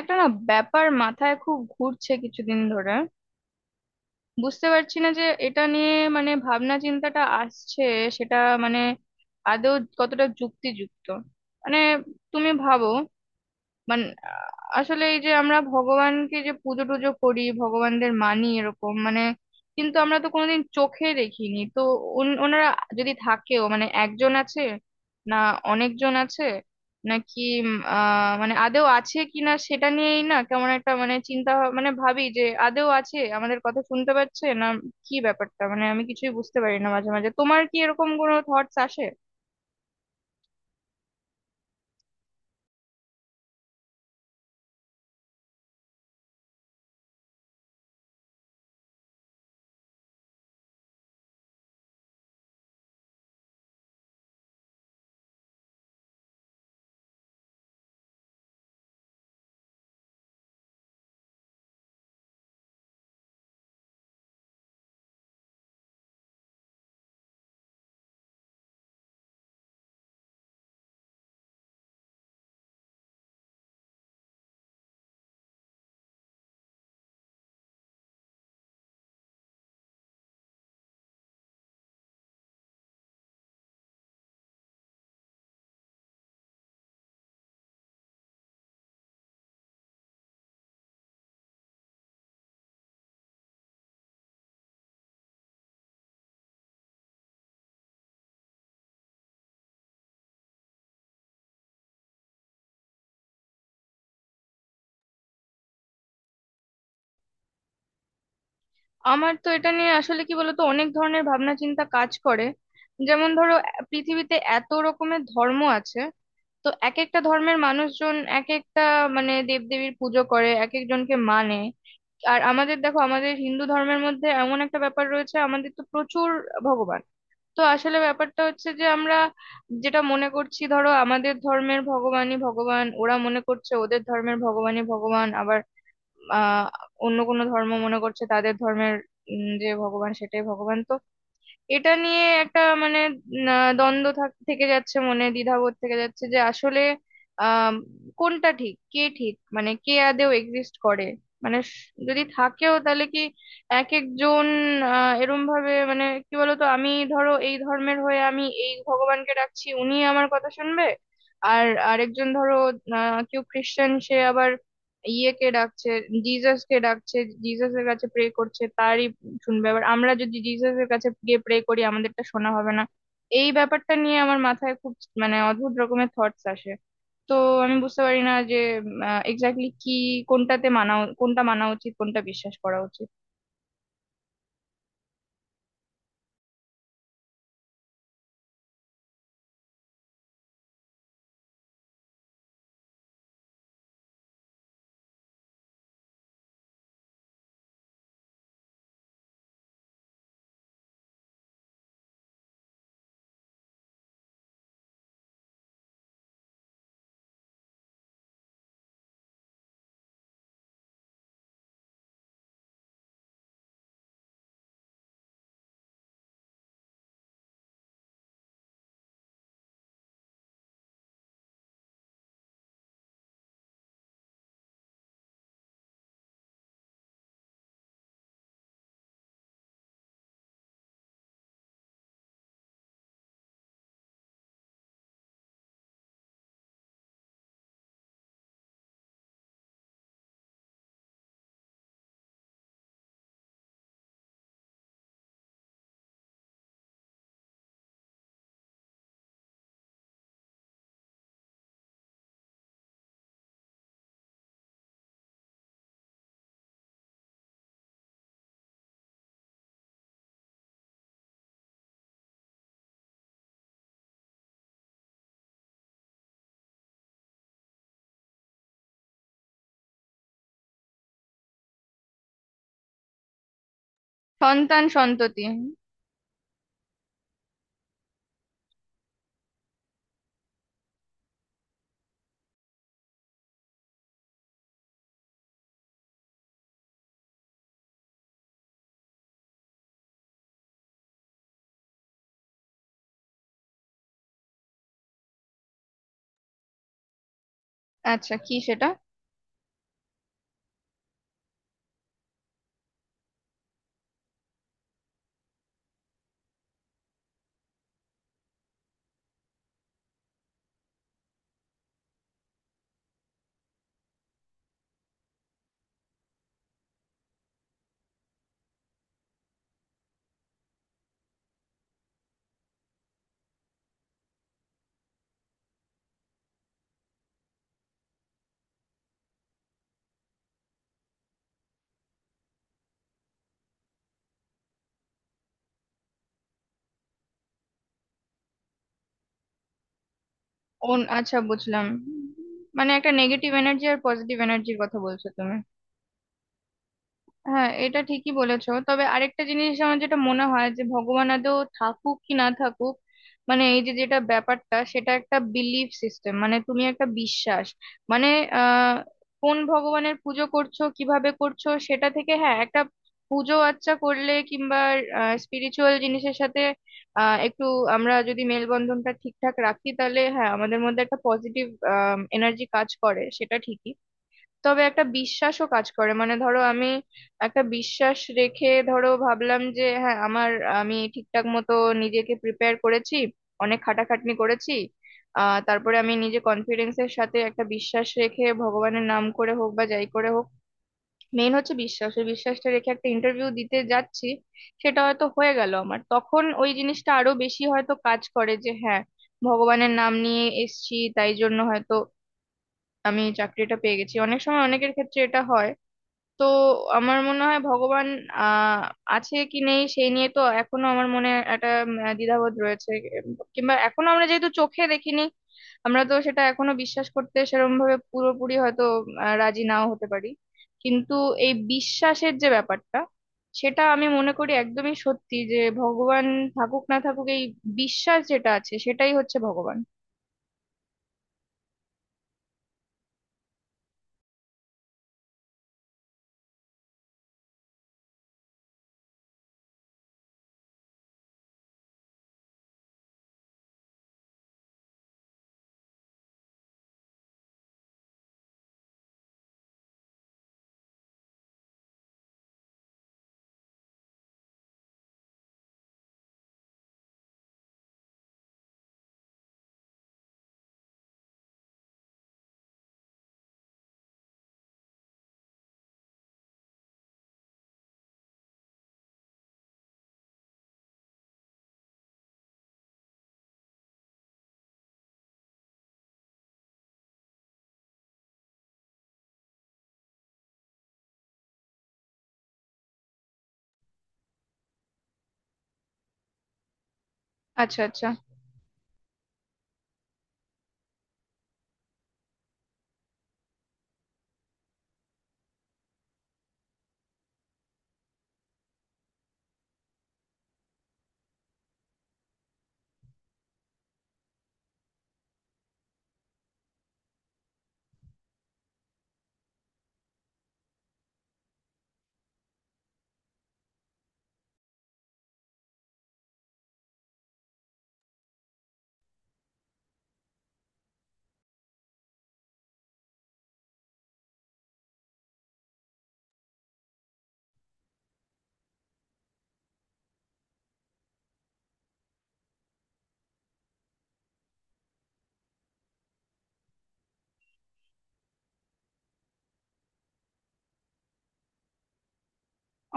একটা না ব্যাপার মাথায় খুব ঘুরছে কিছুদিন ধরে। বুঝতে পারছি না যে এটা নিয়ে মানে ভাবনা চিন্তাটা আসছে সেটা মানে আদৌ কতটা যুক্তিযুক্ত। মানে তুমি ভাবো। মানে আসলে এই যে আমরা ভগবানকে যে পুজো টুজো করি, ভগবানদের মানি এরকম, মানে কিন্তু আমরা তো কোনোদিন চোখে দেখিনি তো। ওনারা যদি থাকেও মানে একজন আছে না অনেকজন আছে নাকি। উম, আহ মানে আদেও আছে কিনা সেটা নিয়েই না কেমন একটা মানে চিন্তা মানে ভাবি যে আদেও আছে, আমাদের কথা শুনতে পাচ্ছে না, কি ব্যাপারটা। মানে আমি কিছুই বুঝতে পারি না মাঝে মাঝে। তোমার কি এরকম কোনো থটস আসে? আমার তো এটা নিয়ে আসলে কি বলতো অনেক ধরনের ভাবনা চিন্তা কাজ করে। যেমন ধরো, পৃথিবীতে এত রকমের ধর্ম আছে। তো এক একটা ধর্মের মানুষজন এক একটা মানে দেবদেবীর পুজো করে এক একজনকে মানে। আর আমাদের দেখো, আমাদের হিন্দু ধর্মের মধ্যে এমন একটা ব্যাপার রয়েছে, আমাদের তো প্রচুর ভগবান। তো আসলে ব্যাপারটা হচ্ছে যে আমরা যেটা মনে করছি ধরো আমাদের ধর্মের ভগবানই ভগবান, ওরা মনে করছে ওদের ধর্মের ভগবানই ভগবান, আবার আহ অন্য কোনো ধর্ম মনে করছে তাদের ধর্মের যে ভগবান সেটাই ভগবান। তো এটা নিয়ে একটা মানে দ্বন্দ্ব থেকে যাচ্ছে, মনে দ্বিধাবোধ থেকে যাচ্ছে যে আসলে আহ কোনটা ঠিক, কে ঠিক, মানে কে আদেও এক্সিস্ট করে। মানে যদি থাকেও তাহলে কি এক একজন। এরম ভাবে মানে কি বলতো, আমি ধরো এই ধর্মের হয়ে আমি এই ভগবানকে ডাকছি, উনি আমার কথা শুনবে। আর আরেকজন ধরো কেউ খ্রিস্টান, সে আবার ইয়েকে ডাকছে, জিজাস কে ডাকছে, জিজাসের কাছে প্রে করছে, তারই শুনবে। এবার আমরা যদি জিসাসের কাছে গিয়ে প্রে করি আমাদেরটা শোনা হবে না? এই ব্যাপারটা নিয়ে আমার মাথায় খুব মানে অদ্ভুত রকমের থটস আসে। তো আমি বুঝতে পারি না যে এক্স্যাক্টলি কি কোনটাতে কোনটা মানা উচিত, কোনটা বিশ্বাস করা উচিত। সন্তান সন্ততি। আচ্ছা, কি সেটা? আচ্ছা, বুঝলাম। মানে একটা নেগেটিভ এনার্জি আর পজিটিভ এনার্জির কথা বলছো তুমি। হ্যাঁ, এটা ঠিকই বলেছো। তবে আরেকটা জিনিস আমার যেটা মনে হয় যে ভগবান আদৌ থাকুক কি না থাকুক, মানে এই যে যেটা ব্যাপারটা, সেটা একটা বিলিফ সিস্টেম। মানে তুমি একটা বিশ্বাস মানে আহ কোন ভগবানের পুজো করছো, কিভাবে করছো, সেটা থেকে হ্যাঁ একটা পুজো আচ্চা করলে কিংবা স্পিরিচুয়াল জিনিসের সাথে একটু আমরা যদি মেলবন্ধনটা ঠিকঠাক রাখি, তাহলে হ্যাঁ আমাদের মধ্যে একটা পজিটিভ এনার্জি কাজ করে, সেটা ঠিকই। তবে একটা বিশ্বাসও কাজ করে। মানে ধরো আমি একটা বিশ্বাস রেখে ধরো ভাবলাম যে হ্যাঁ, আমার আমি ঠিকঠাক মতো নিজেকে প্রিপেয়ার করেছি, অনেক খাটাখাটনি করেছি, তারপরে আমি নিজে কনফিডেন্সের সাথে একটা বিশ্বাস রেখে ভগবানের নাম করে হোক বা যাই করে হোক, মেইন হচ্ছে বিশ্বাস, ওই বিশ্বাসটা রেখে একটা ইন্টারভিউ দিতে যাচ্ছি। সেটা হয়তো হয়ে গেল, আমার তখন ওই জিনিসটা আরো বেশি হয়তো কাজ করে যে হ্যাঁ ভগবানের নাম নিয়ে এসছি তাই জন্য হয়তো আমি চাকরিটা পেয়ে গেছি। অনেক সময় অনেকের ক্ষেত্রে এটা হয়। তো আমার মনে হয় ভগবান আহ আছে কি নেই সেই নিয়ে তো এখনো আমার মনে একটা দ্বিধাবোধ রয়েছে। এম, কিংবা এখনো আমরা যেহেতু চোখে দেখিনি, আমরা তো সেটা এখনো বিশ্বাস করতে সেরকম ভাবে পুরোপুরি হয়তো রাজি নাও হতে পারি। কিন্তু এই বিশ্বাসের যে ব্যাপারটা, সেটা আমি মনে করি একদমই সত্যি যে ভগবান থাকুক না থাকুক, এই বিশ্বাস যেটা আছে সেটাই হচ্ছে ভগবান। আচ্ছা আচ্ছা।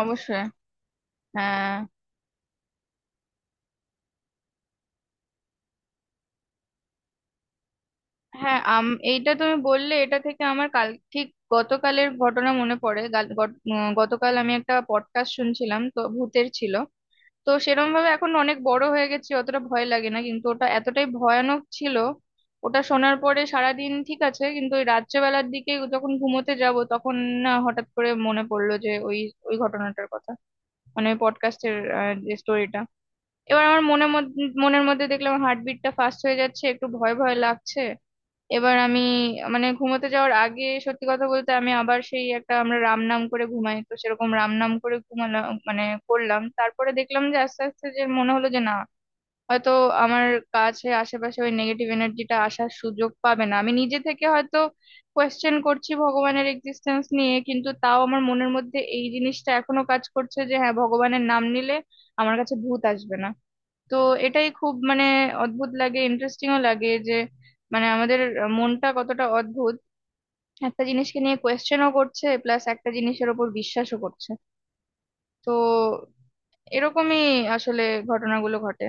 অবশ্যই। হ্যাঁ। হ্যাঁ, এইটা তুমি বললে, এটা থেকে আমার কাল ঠিক গতকালের ঘটনা মনে পড়ে। গতকাল আমি একটা পডকাস্ট শুনছিলাম, তো ভূতের ছিল। তো সেরকম ভাবে এখন অনেক বড় হয়ে গেছি, অতটা ভয় লাগে না, কিন্তু ওটা এতটাই ভয়ানক ছিল। ওটা শোনার পরে সারাদিন ঠিক আছে, কিন্তু ওই রাত্রেবেলার দিকে যখন ঘুমোতে যাব, তখন না হঠাৎ করে মনে পড়লো যে ওই ওই ঘটনাটার কথা। মানে ওই পডকাস্টের যে স্টোরিটা। এবার আমার মনের মধ্যে দেখলাম হার্টবিটটা ফাস্ট হয়ে যাচ্ছে, একটু ভয় ভয় লাগছে। এবার আমি মানে ঘুমোতে যাওয়ার আগে সত্যি কথা বলতে আমি আবার সেই একটা, আমরা রাম নাম করে ঘুমাই তো সেরকম রাম নাম করে ঘুমালাম। মানে করলাম, তারপরে দেখলাম যে আস্তে আস্তে যে মনে হলো যে না, হয়তো আমার কাছে আশেপাশে ওই নেগেটিভ এনার্জিটা আসার সুযোগ পাবে না। আমি নিজে থেকে হয়তো কোয়েশ্চেন করছি ভগবানের এক্সিস্টেন্স নিয়ে, কিন্তু তাও আমার মনের মধ্যে এই জিনিসটা এখনো কাজ করছে যে হ্যাঁ, ভগবানের নাম নিলে আমার কাছে ভূত আসবে না। তো এটাই খুব মানে অদ্ভুত লাগে, ইন্টারেস্টিংও লাগে যে মানে আমাদের মনটা কতটা অদ্ভুত। একটা জিনিসকে নিয়ে কোয়েশ্চেনও করছে, প্লাস একটা জিনিসের ওপর বিশ্বাসও করছে। তো এরকমই আসলে ঘটনাগুলো ঘটে।